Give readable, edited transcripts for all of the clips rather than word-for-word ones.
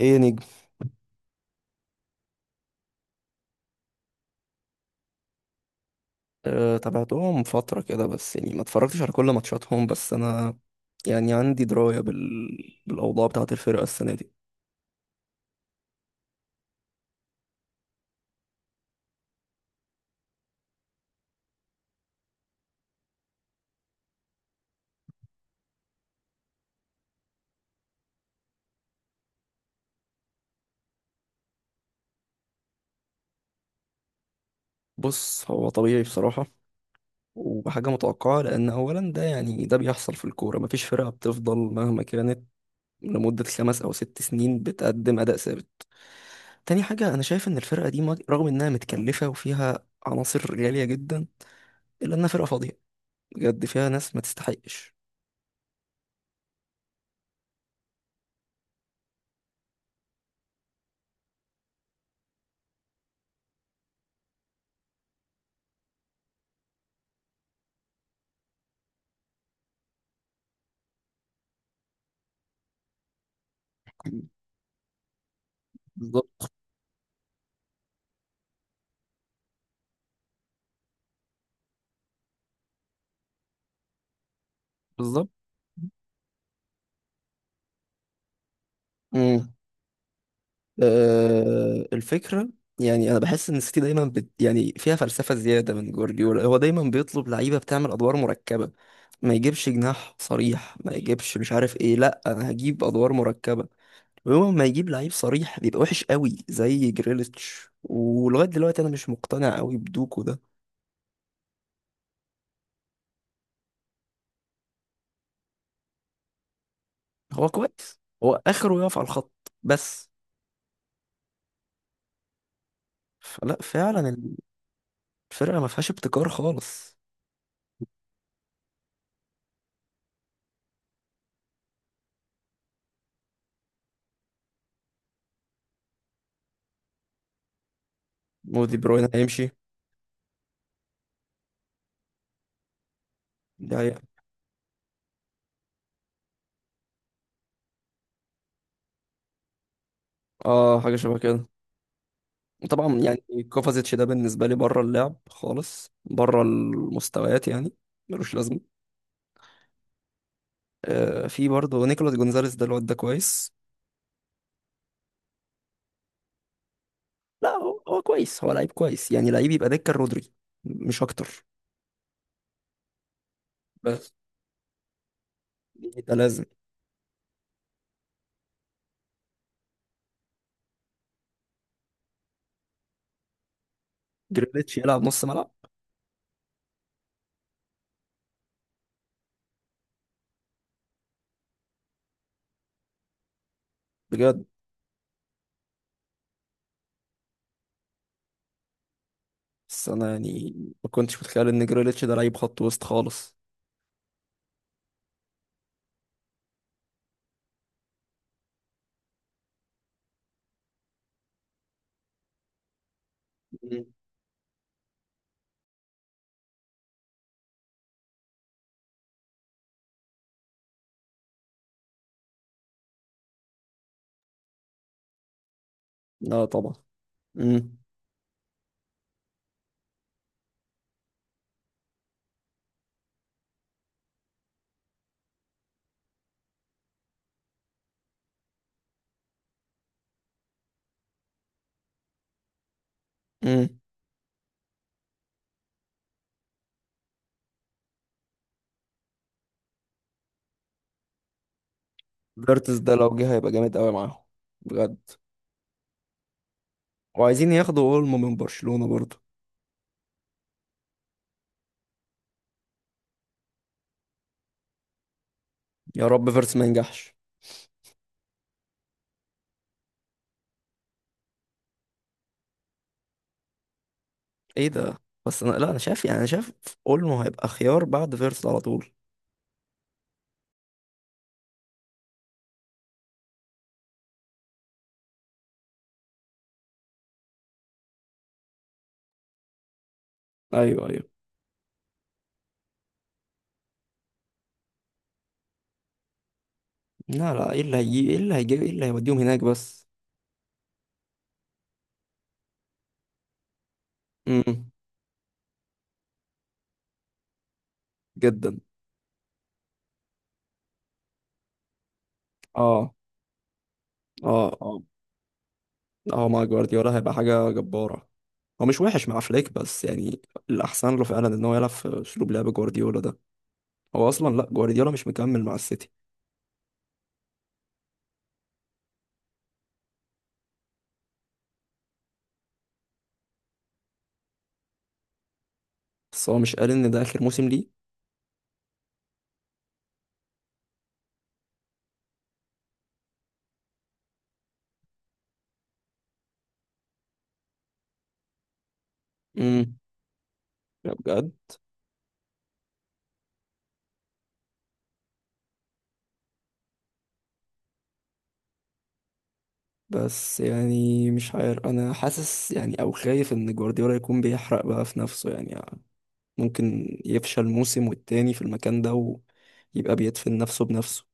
ايه يا نجم. أه، تابعتهم فترة كده، بس يعني ما اتفرجتش على كل ماتشاتهم، بس انا يعني عندي دراية بالأوضاع بتاعة الفرقة السنة دي. بص، هو طبيعي بصراحة، وحاجة متوقعة، لأن أولا ده يعني ده بيحصل في الكورة، مفيش فرقة بتفضل مهما كانت لمدة 5 أو 6 سنين بتقدم أداء ثابت. تاني حاجة، أنا شايف إن الفرقة دي رغم إنها متكلفة وفيها عناصر غالية جدا، إلا إنها فرقة فاضية، بجد فيها ناس ما تستحقش. بالظبط بالظبط. مم. أه، الفكرة يعني أنا بحس إن السيتي دايما بت يعني فيها فلسفة زيادة. من جوارديولا، هو دايما بيطلب لعيبة بتعمل أدوار مركبة. ما يجيبش جناح صريح، ما يجيبش مش عارف إيه، لأ أنا هجيب أدوار مركبة. ويوم ما يجيب لعيب صريح بيبقى وحش قوي، زي جريليتش. ولغاية دلوقتي أنا مش مقتنع قوي بدوكو ده. هو كويس، هو آخره يقف على الخط بس. فلا، فعلا الفرقة ما فيهاش ابتكار خالص. ودي بروين هيمشي. ده هي- اه، حاجة شبه كده. طبعا يعني كوفازيتش ده بالنسبة لي بره اللعب خالص، بره المستويات يعني، ملوش لازمة. آه، في برضه نيكولاس جونزاليس، ده الواد ده كويس. لا، هو هو كويس، هو لعيب كويس، يعني لعيب يبقى دكة رودري، مش أكتر. بس ده لازم. جريليتش يلعب نص ملعب؟ بجد؟ بس أنا يعني ما كنتش متخيل إن جريليتش ده لعيب خط وسط خالص. مم. لا طبعا. امم. امم. فيرتس ده لو جه هيبقى جامد قوي معاهم، بجد. وعايزين ياخدوا اولمو من برشلونة برضه. يا رب فيرس ما ينجحش. ايه ده؟ بس انا لا انا شايف، يعني انا شايف اولمو هيبقى خيار بعد فيرس على طول. ايوه، ايوه. لا، لا، ايه اللي هيوديهم هناك بس؟ امم. جدا. اه، اه. اه، اه، مع جوارديولا هيبقى حاجة جبارة. هو مش وحش مع فليك، بس يعني الأحسن له فعلا إن هو يلعب في أسلوب لعب جوارديولا ده. هو أصلا، لأ، جوارديولا مش مكمل مع السيتي. بس هو مش قال إن ده آخر موسم ليه؟ امم. بجد؟ بس يعني مش عارف، انا حاسس يعني او خايف ان جوارديولا يكون بيحرق بقى في نفسه. يعني ممكن يفشل موسم والتاني في المكان ده، ويبقى بيدفن نفسه بنفسه.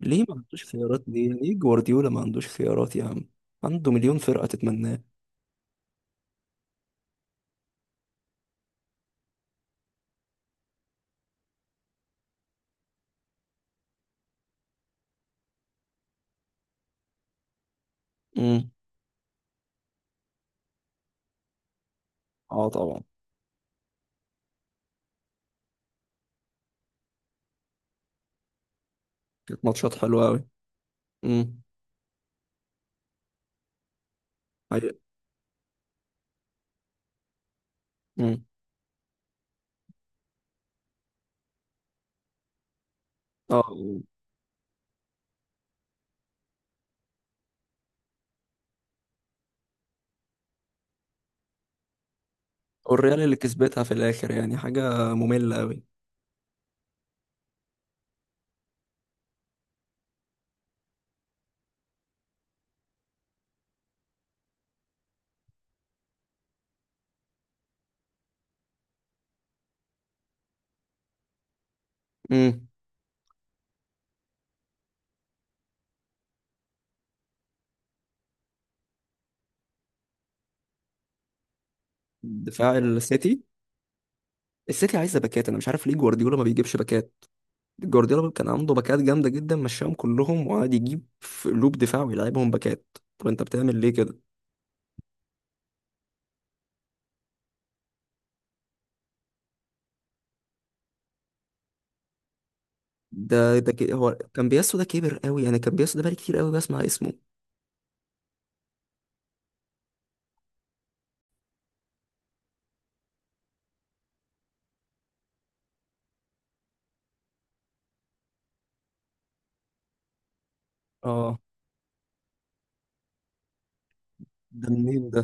ليه ما عندوش خيارات؟ ليه؟ ليه جوارديولا ما عندوش خيارات يا عم؟ عنده مليون فرقة تتمناه. امم. اه طبعا. كانت ماتشات حلوة قوي. امم. ايوه. امم. اه، والريال اللي كسبتها في الاخر يعني حاجة مملة قوي. امم. دفاع السيتي. السيتي عايزة باكات، انا مش عارف ليه جوارديولا ما بيجيبش باكات. جوارديولا كان عنده باكات جامده جدا، مشاهم كلهم وقعد يجيب في لوب دفاع ويلعبهم باكات. طب انت بتعمل ليه كده؟ ده كده. هو كان بياسو ده كبر قوي، انا كان بياسو ده بقالي كتير قوي بسمع اسمه. اه. ده منين ده؟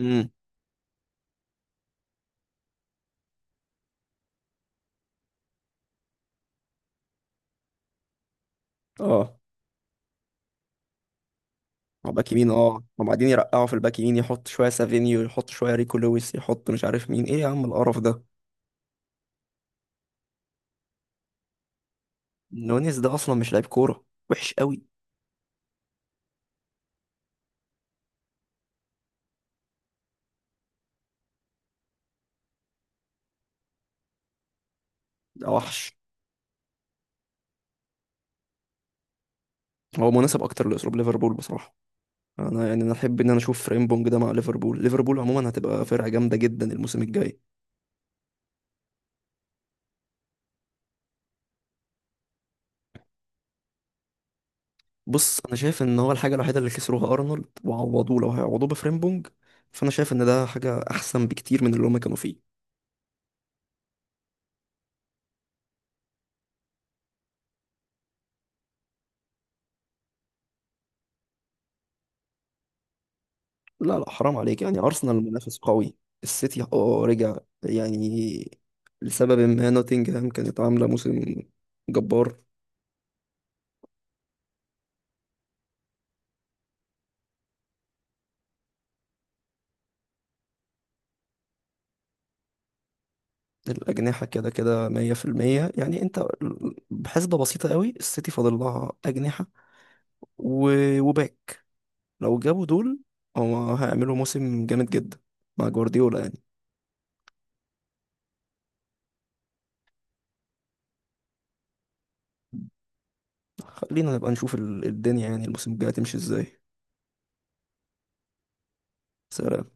امم. اه. هو باك يمين، اه. وبعدين يرقعوا في الباك يمين، يحط شويه سافينيو، يحط شويه ريكو لويس، يحط مش عارف مين، ايه يا عم القرف ده؟ نونيز ده اصلا مش لعيب كوره، وحش قوي. ده وحش. هو مناسب اكتر لاسلوب ليفربول بصراحه. انا يعني انا احب ان انا اشوف فريمبونج ده مع ليفربول. ليفربول عموما هتبقى فرقه جامده جدا الموسم الجاي. بص، انا شايف ان هو الحاجه الوحيده اللي خسروها ارنولد، وعوضوه، لو هيعوضوه بفريمبونج، فانا شايف ان ده حاجه احسن بكتير من اللي هما كانوا فيه. لا، لا، حرام عليك، يعني ارسنال منافس قوي. السيتي اه رجع يعني. لسبب ما نوتنجهام كانت عامله موسم جبار. الأجنحة كده كده 100%. يعني أنت بحسبة بسيطة قوي، السيتي فاضل لها أجنحة، و... وباك. لو جابوا دول، هو هيعملوا موسم جامد جدا مع جوارديولا يعني. خلينا نبقى نشوف الدنيا يعني الموسم الجاي هتمشي ازاي. سلام.